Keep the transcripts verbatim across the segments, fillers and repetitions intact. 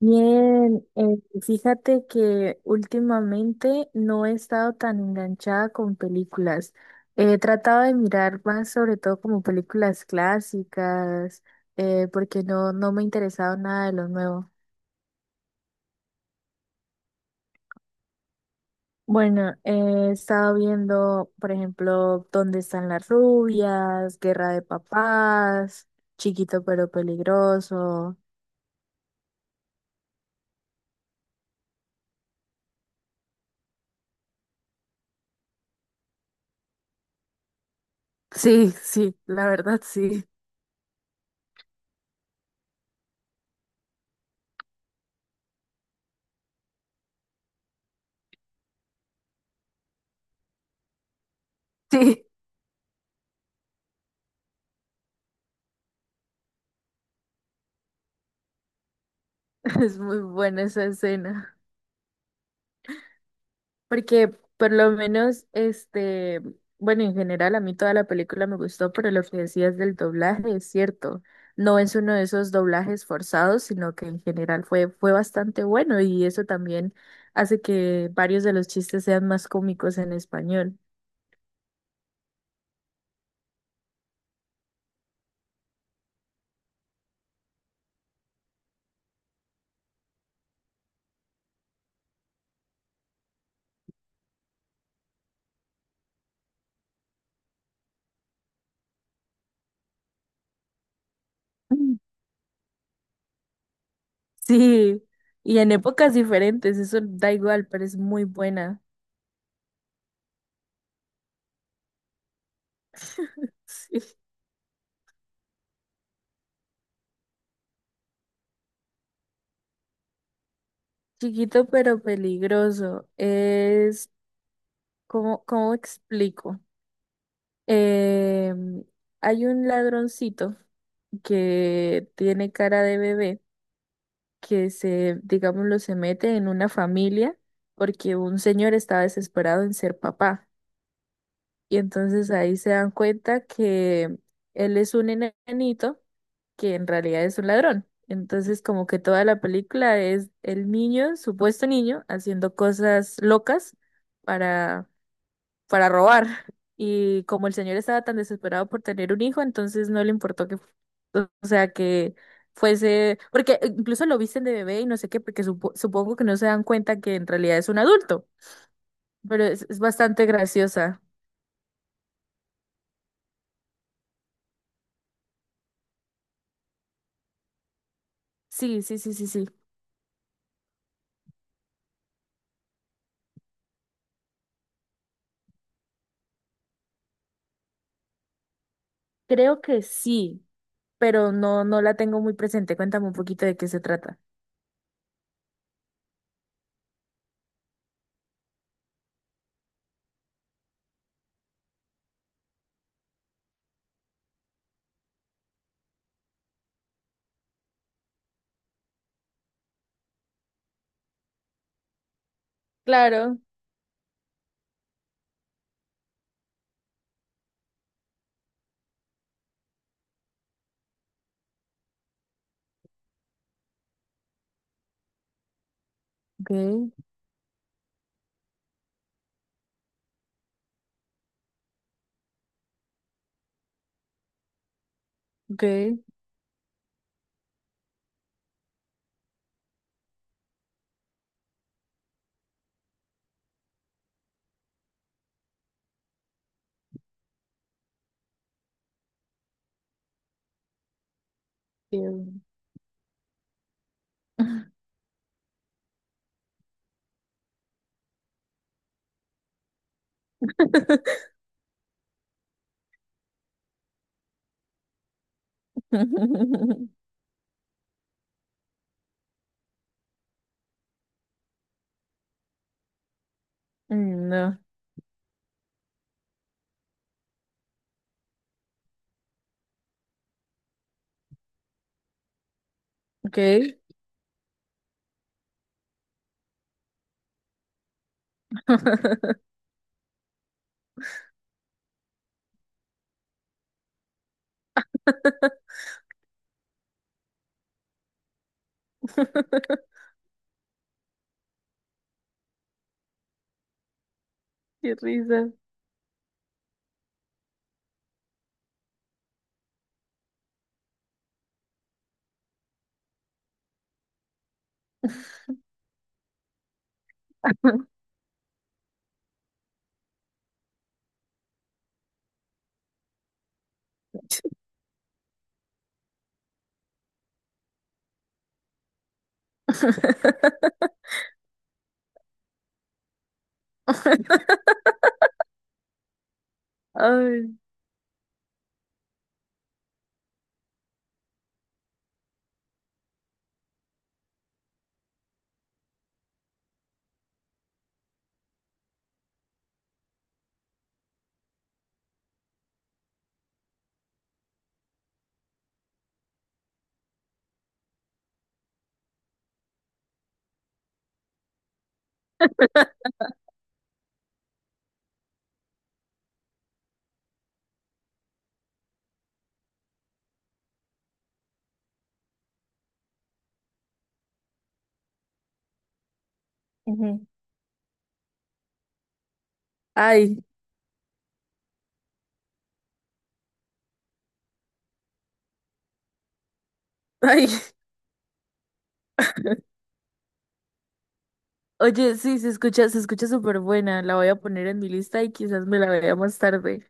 Bien, eh, fíjate que últimamente no he estado tan enganchada con películas. He tratado de mirar más sobre todo como películas clásicas, eh, porque no, no me ha interesado nada de lo nuevo. Bueno, he estado viendo, por ejemplo, ¿Dónde están las rubias? Guerra de papás, Chiquito pero peligroso. Sí, sí, la verdad sí. Sí, es muy buena esa escena. Porque por lo menos, este, bueno, en general a mí toda la película me gustó, pero lo que decías del doblaje es cierto. No es uno de esos doblajes forzados, sino que en general fue, fue bastante bueno y eso también hace que varios de los chistes sean más cómicos en español. Mm. Sí, y en épocas diferentes, eso da igual, pero es muy buena. Sí. Chiquito pero peligroso. Es, ¿cómo, cómo explico? Eh, hay un ladroncito que tiene cara de bebé que se, digámoslo, se mete en una familia porque un señor está desesperado en ser papá. Y entonces ahí se dan cuenta que él es un enanito que en realidad es un ladrón. Entonces como que toda la película es el niño, supuesto niño, haciendo cosas locas para para robar. Y como el señor estaba tan desesperado por tener un hijo, entonces no le importó que, o sea, que fuese, porque incluso lo visten de bebé y no sé qué, porque supo- supongo que no se dan cuenta que en realidad es un adulto, pero es, es bastante graciosa. Sí, sí, sí, sí, sí. Creo que sí, pero no, no la tengo muy presente. Cuéntame un poquito de qué se trata. Claro. Okay, okay. Bien. Mm, no, ok. Qué risa. Ay, ujú, ay, ay. Oye, sí, se escucha, se escucha súper buena. La voy a poner en mi lista y quizás me la vea más tarde.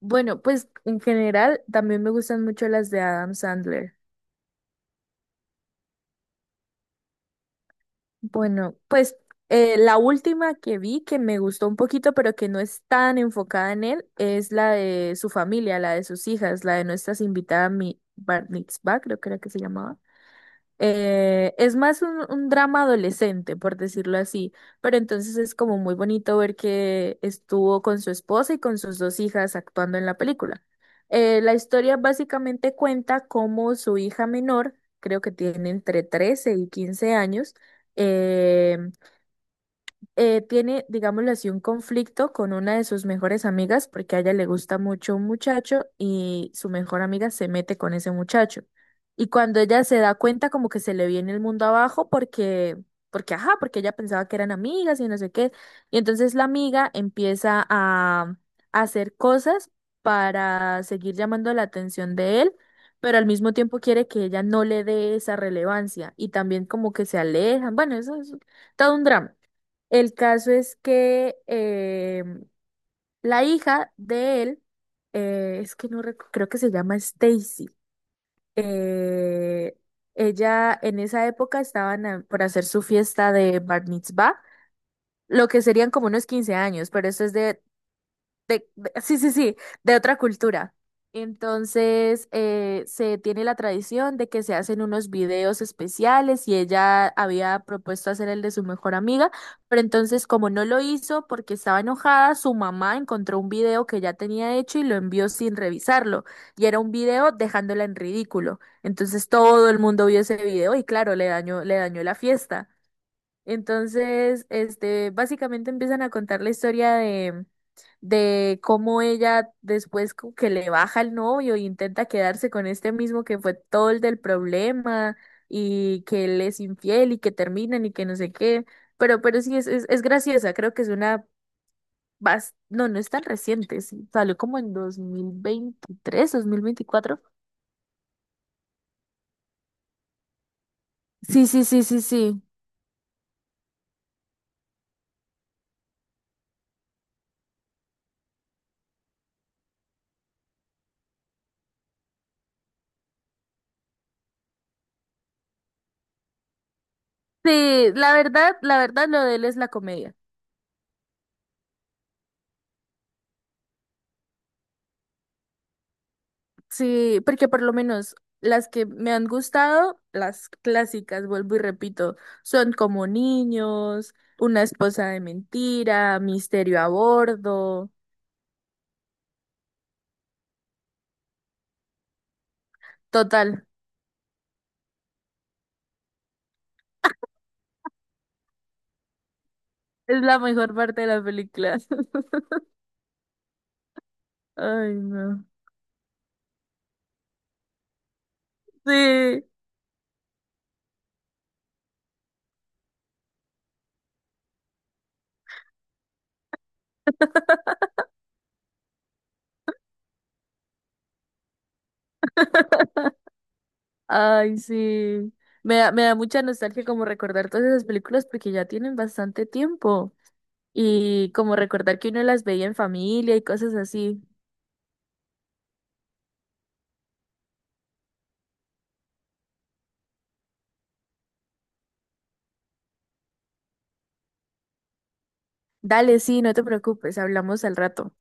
Bueno, pues en general también me gustan mucho las de Adam Sandler. Bueno, pues eh, la última que vi que me gustó un poquito, pero que no es tan enfocada en él, es la de su familia, la de sus hijas, la de nuestras invitadas, mi Bar Mitzvah, creo que era que se llamaba. Eh, es más un, un drama adolescente, por decirlo así, pero entonces es como muy bonito ver que estuvo con su esposa y con sus dos hijas actuando en la película. Eh, la historia básicamente cuenta cómo su hija menor, creo que tiene entre trece y quince años, eh, eh, tiene, digámoslo así, un conflicto con una de sus mejores amigas porque a ella le gusta mucho un muchacho y su mejor amiga se mete con ese muchacho. Y cuando ella se da cuenta como que se le viene el mundo abajo porque, porque, ajá, porque ella pensaba que eran amigas y no sé qué. Y entonces la amiga empieza a, a hacer cosas para seguir llamando la atención de él. Pero al mismo tiempo quiere que ella no le dé esa relevancia y también como que se alejan. Bueno, eso es todo un drama. El caso es que eh, la hija de él, eh, es que no recu- creo que se llama Stacy. eh, ella en esa época estaban a- por hacer su fiesta de Bar Mitzvah, lo que serían como unos quince años, pero esto es de, de- de- sí, sí, sí, de otra cultura. Entonces, eh, se tiene la tradición de que se hacen unos videos especiales y ella había propuesto hacer el de su mejor amiga, pero entonces como no lo hizo porque estaba enojada, su mamá encontró un video que ya tenía hecho y lo envió sin revisarlo. Y era un video dejándola en ridículo. Entonces todo el mundo vio ese video y claro, le dañó, le dañó la fiesta. Entonces, este, básicamente empiezan a contar la historia de, de cómo ella después como que le baja el novio y intenta quedarse con este mismo que fue todo el del problema y que él es infiel y que terminan y que no sé qué. Pero, pero sí, es, es, es graciosa, creo que es una... bas- No, no es tan reciente, sí, salió como en dos dos mil veintitrés, dos mil veinticuatro. Sí, sí, sí, sí, sí. Sí, la verdad, la verdad, lo de él es la comedia. Sí, porque por lo menos las que me han gustado, las clásicas, vuelvo y repito, son como niños, una esposa de mentira, misterio a bordo. Total, es la mejor parte de la película. Ay, no. Sí. Ay, sí. Me da, me da mucha nostalgia como recordar todas esas películas porque ya tienen bastante tiempo. Y como recordar que uno las veía en familia y cosas así. Dale, sí, no te preocupes, hablamos al rato.